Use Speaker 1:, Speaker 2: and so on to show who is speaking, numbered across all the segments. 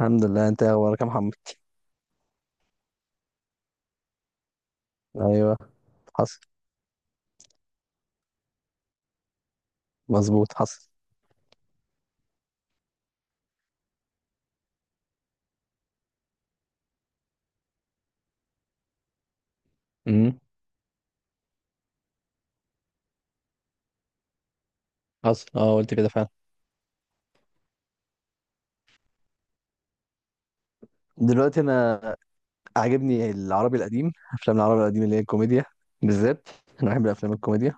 Speaker 1: الحمد لله. انت ايه اخبارك يا محمد؟ ايوه. حصل، مظبوط، حصل. امم. حصل، اه، قلت كده فعلا. دلوقتي انا عاجبني العربي القديم افلام العربي القديم اللي هي الكوميديا بالذات. انا بحب الافلام الكوميديا.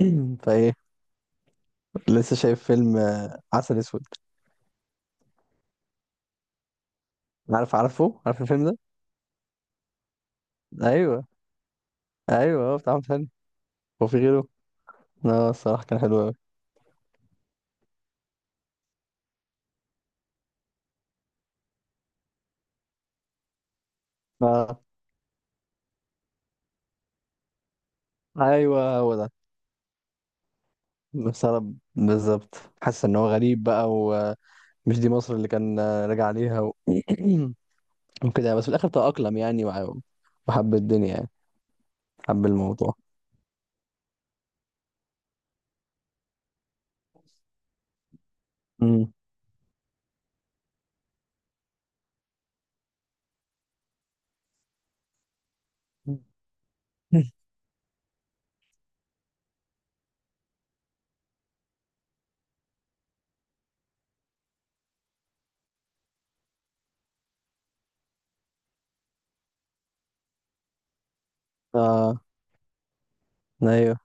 Speaker 1: فايه لسه شايف فيلم عسل اسود. عارف الفيلم ده؟ ايوه، ايوه، هو بتاع احمد حلمي. هو في غيره؟ لا، الصراحه كان حلو قوي. اه، ايوه، هو ده. بسبب، بالظبط. حاسس ان هو غريب بقى ومش، دي مصر اللي كان راجع عليها و. وكده يعني، بس في الاخر تأقلم يعني وحب الدنيا يعني. حب الموضوع. امم. اه، ايوه.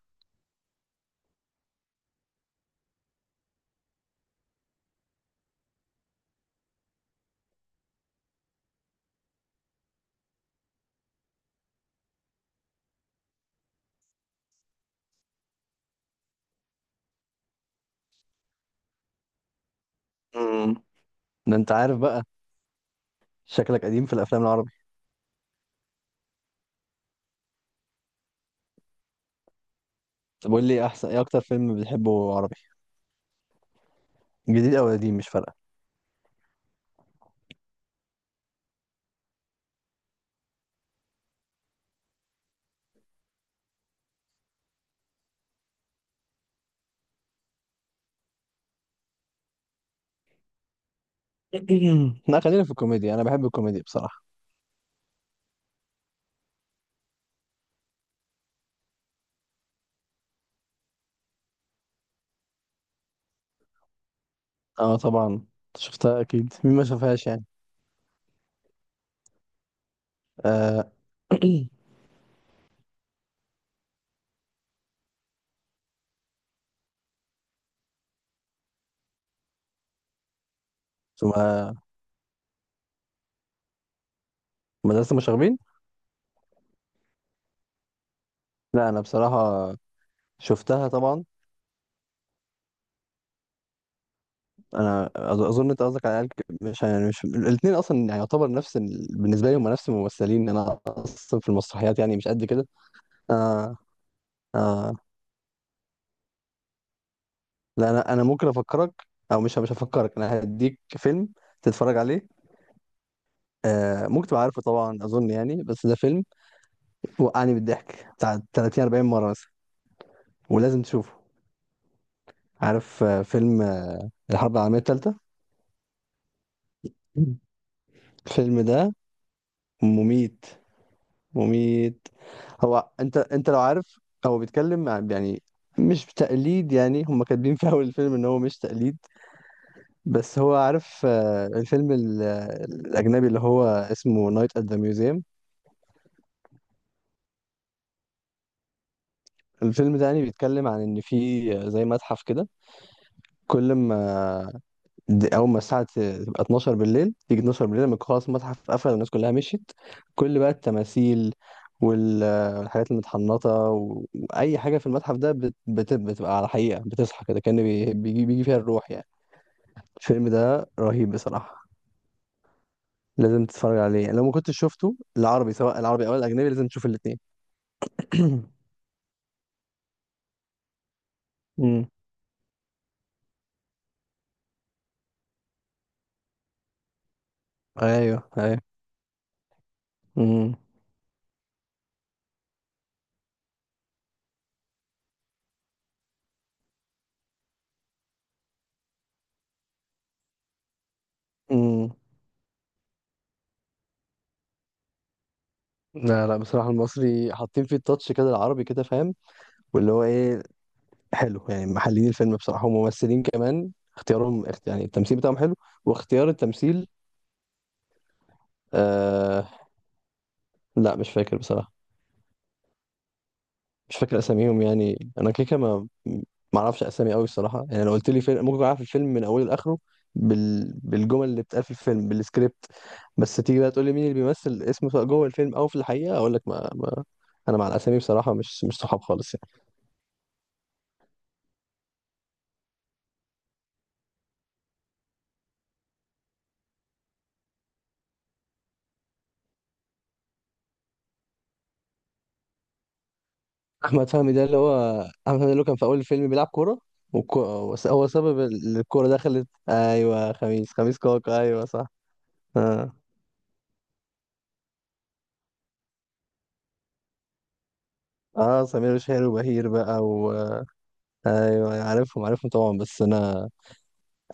Speaker 1: امم. ده انت عارف بقى، شكلك قديم في الافلام العربي. طب قول لي، احسن ايه اكتر فيلم بتحبه عربي، جديد او قديم مش فارقه؟ لا، خلينا في الكوميديا، انا بحب الكوميديا بصراحه. اه طبعا شفتها، اكيد مين ما شافهاش يعني. آه. ثم مدرسه المشاغبين. لا انا بصراحه شفتها طبعا. انا اظن انت قصدك على العيال، مش يعني مش الاثنين اصلا، يعني يعتبر نفس ال، بالنسبه لي هم نفس الممثلين، انا اصلا في المسرحيات يعني مش قد كده. آه، آه. لا انا ممكن افكرك، او مش هفكرك، انا هديك فيلم تتفرج عليه. آه، ممكن تبقى عارفه طبعا اظن يعني، بس ده فيلم وقعني بالضحك بتاع 30 40 مره مثلا، ولازم تشوفه. عارف فيلم الحرب العالميه الثالثه؟ الفيلم ده مميت، مميت. هو انت لو عارف، هو بيتكلم يعني مش تقليد، يعني هم كاتبين في اول الفيلم ان هو مش تقليد، بس هو عارف الفيلم الاجنبي اللي هو اسمه نايت ات ذا ميوزيوم. الفيلم ده يعني بيتكلم عن ان في زي متحف كده، كل ما، دي اول ما الساعه تبقى 12 بالليل، تيجي 12 بالليل لما يكون خلاص المتحف قفل والناس كلها مشيت، كل بقى التماثيل وال- والحاجات المتحنطه واي حاجه في المتحف ده بتبقى على حقيقه، بتصحى كده كأن بيجي فيها الروح يعني. الفيلم ده رهيب بصراحه، لازم تتفرج عليه لو ما كنتش شفته العربي. سواء العربي او الاجنبي لازم تشوف الاثنين. امم. ايوه، ايوه. امم. امم. لا، لا، بصراحة المصري حاطين فيه التاتش كده العربي، كده فاهم، واللي هو ايه، حلو يعني. محللين الفيلم بصراحة، وممثلين كمان اختيارهم، يعني التمثيل بتاعهم حلو، واختيار التمثيل. آه. لا مش فاكر بصراحة، مش فاكر أساميهم يعني. أنا كيكة ما، ما أعرفش أسامي أوي الصراحة يعني. لو قلت لي فيلم ممكن أعرف الفيلم من أوله لآخره، بال، بالجمل اللي بتتقال في الفيلم، بالسكريبت. بس تيجي بقى تقول لي مين اللي بيمثل اسمه سواء جوه الفيلم أو في الحقيقة، أقول لك ما، ما. أنا مع الأسامي بصراحة مش صحاب خالص يعني. احمد فهمي ده اللي هو، احمد فهمي اللي هو كان في اول الفيلم بيلعب كوره، والكو، هو سبب الكوره دخلت، ايوه، خميس، خميس كاكا، ايوه صح. اه. اه، سمير وشهير وبهير بقى و. ايوه، أيوه، عارفهم، عارفهم طبعا، بس انا،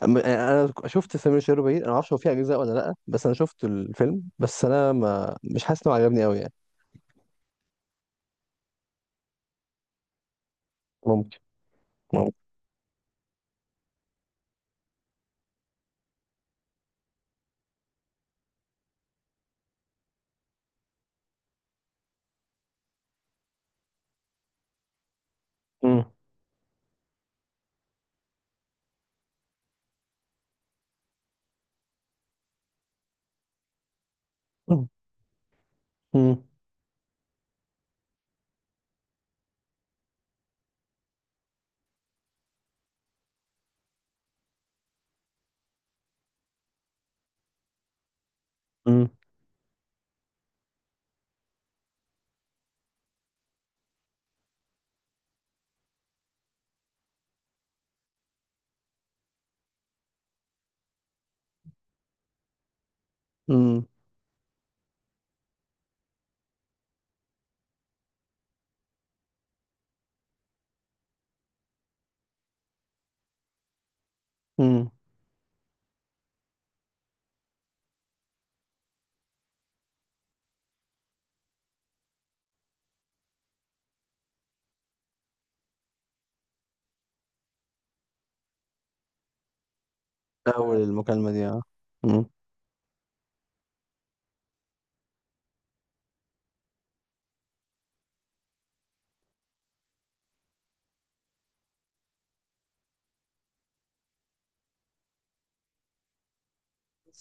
Speaker 1: انا شفت سمير وشهير وبهير، انا ما اعرفش هو فيه اجزاء ولا لا، بس انا شفت الفيلم، بس انا ما، مش حاسس انه عجبني قوي يعني. ممكن. ممكن. مم. مم. مم. مم. مم. مم. اول المكالمه دي، اه. مم.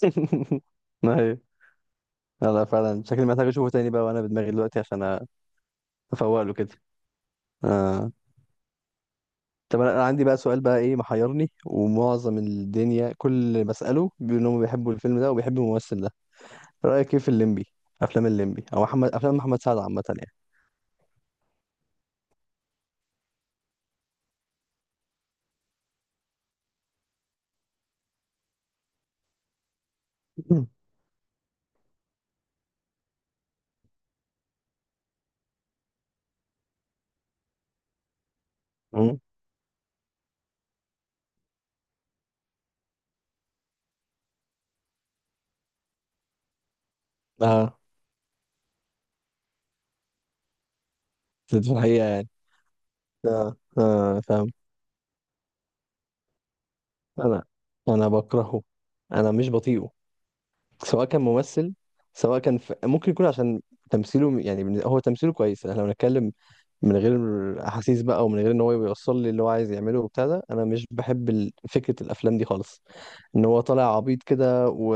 Speaker 1: ايوه. لا فعلا شكلي محتاج اشوفه تاني بقى وانا بدماغي دلوقتي، عشان افوق له كده. آه. طب انا، عندي بقى سؤال بقى، ايه محيرني ومعظم الدنيا كل اللي بساله بيقول انهم بيحبوا الفيلم ده وبيحبوا الممثل ده. رايك ايه في الليمبي؟ افلام الليمبي، او محمد، افلام محمد سعد عامه يعني. مم. مم. اه في الحقيقه يعني. اه، آه، فاهم. انا، بكرهه، انا مش بطيقه، سواء كان ممثل، سواء كان ممكن يكون عشان تمثيله يعني. هو تمثيله كويس، احنا لو نتكلم من غير احاسيس بقى، ومن غير ان هو يوصل لي اللي هو عايز يعمله وبتاع ده، انا مش بحب فكره الافلام دي خالص، ان هو طالع عبيط كده و،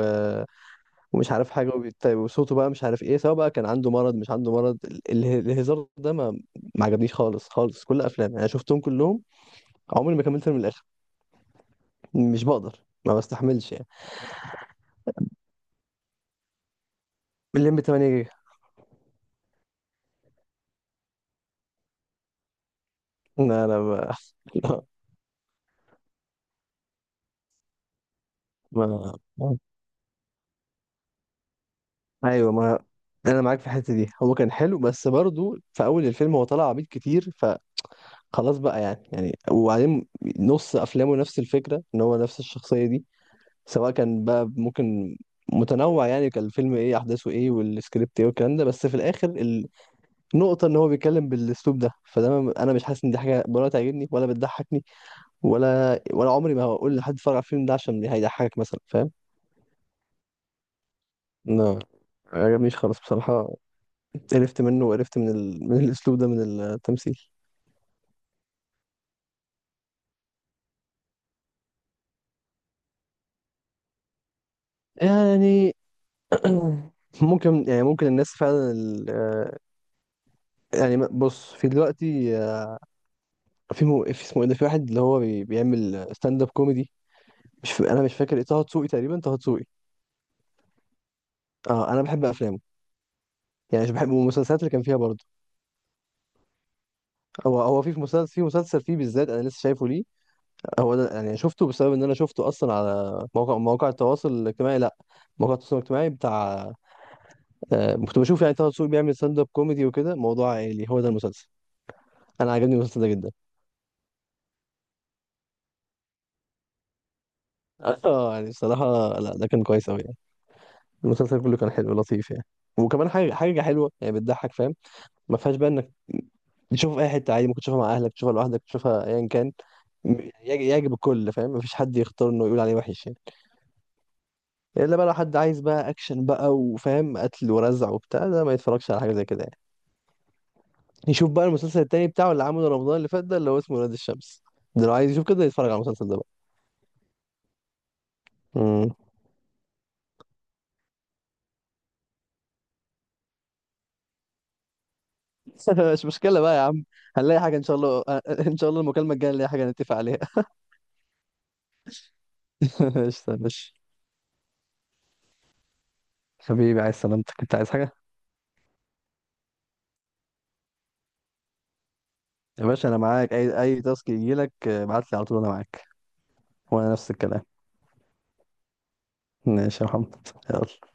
Speaker 1: ومش عارف حاجه، وصوته بقى مش عارف ايه، سواء بقى كان عنده مرض مش عنده مرض، الهزار ده ما، ما عجبنيش خالص، خالص. كل افلام انا شفتهم كلهم، عمري ما كملت من الاخر. مش بقدر، ما بستحملش يعني. الليمبي 8 جيجا. لا، لا، ما. لا، ما. ايوه، ما انا معاك في الحته دي، هو كان حلو، بس برضو في اول الفيلم هو طلع عبيط كتير. خلاص بقى يعني وبعدين نص افلامه نفس الفكره، ان هو نفس الشخصيه دي، سواء كان بقى ممكن متنوع يعني. كان الفيلم ايه، احداثه ايه والسكريبت ايه والكلام ده، بس في الاخر النقطه ان هو بيتكلم بالاسلوب ده، فده انا مش حاسس ان دي حاجه ولا تعجبني ولا بتضحكني، ولا عمري ما هقول لحد اتفرج على الفيلم ده عشان هيضحكك مثلا، فاهم. لا، ما عجبنيش خالص بصراحه، قرفت منه، وقرفت من الاسلوب ده، من التمثيل، يعني. ممكن يعني، ممكن الناس فعلا يعني، بص في دلوقتي في في اسمه ايه ده، في واحد اللي هو بيعمل ستاند اب كوميدي، مش ف... انا مش فاكر، ايه، طه دسوقي تقريبا، طه دسوقي. اه، انا بحب افلامه، يعني مش بحب المسلسلات اللي كان فيها برضه. هو في مسلسل، مسلسل فيه بالذات انا لسه شايفه ليه. هو ده يعني. شفته بسبب ان انا شفته اصلا على مواقع التواصل الاجتماعي، لا، مواقع التواصل الاجتماعي بتاع، كنت بشوف يعني طه دسوقي بيعمل ستاند اب كوميدي وكده، موضوع عائلي، هو ده المسلسل. انا عجبني المسلسل ده جدا. اه يعني بصراحه، لا ده كان كويس قوي، المسلسل كله كان حلو لطيف يعني. وكمان حاجه حلوه يعني بتضحك، فاهم، ما فيهاش بقى انك تشوفه في اي حته عادي، ممكن تشوفها مع اهلك، تشوفها لوحدك، تشوفها ايا كان، يعجب الكل، فاهم، مفيش حد يختار انه يقول عليه وحش يعني. الا بقى لو حد عايز بقى اكشن بقى وفاهم قتل ورزع وبتاع ده، ما يتفرجش على حاجه زي كده يعني. يشوف بقى المسلسل التاني بتاعه اللي عمله رمضان اللي فات، ده اللي هو اسمه ولاد الشمس. ده لو عايز يشوف كده يتفرج على المسلسل ده بقى. مم. مش مشكله بقى يا عم، هنلاقي حاجه ان شاء الله. ان شاء الله المكالمه الجايه نلاقي حاجه نتفق عليها. قشطة، ماشي. حبيبي، عايز سلامتك، انت عايز حاجة؟ يا باشا انا معاك، اي تاسك يجيلك ابعت لي على طول، انا معاك. وانا نفس الكلام. ماشي يا محمد. يلا.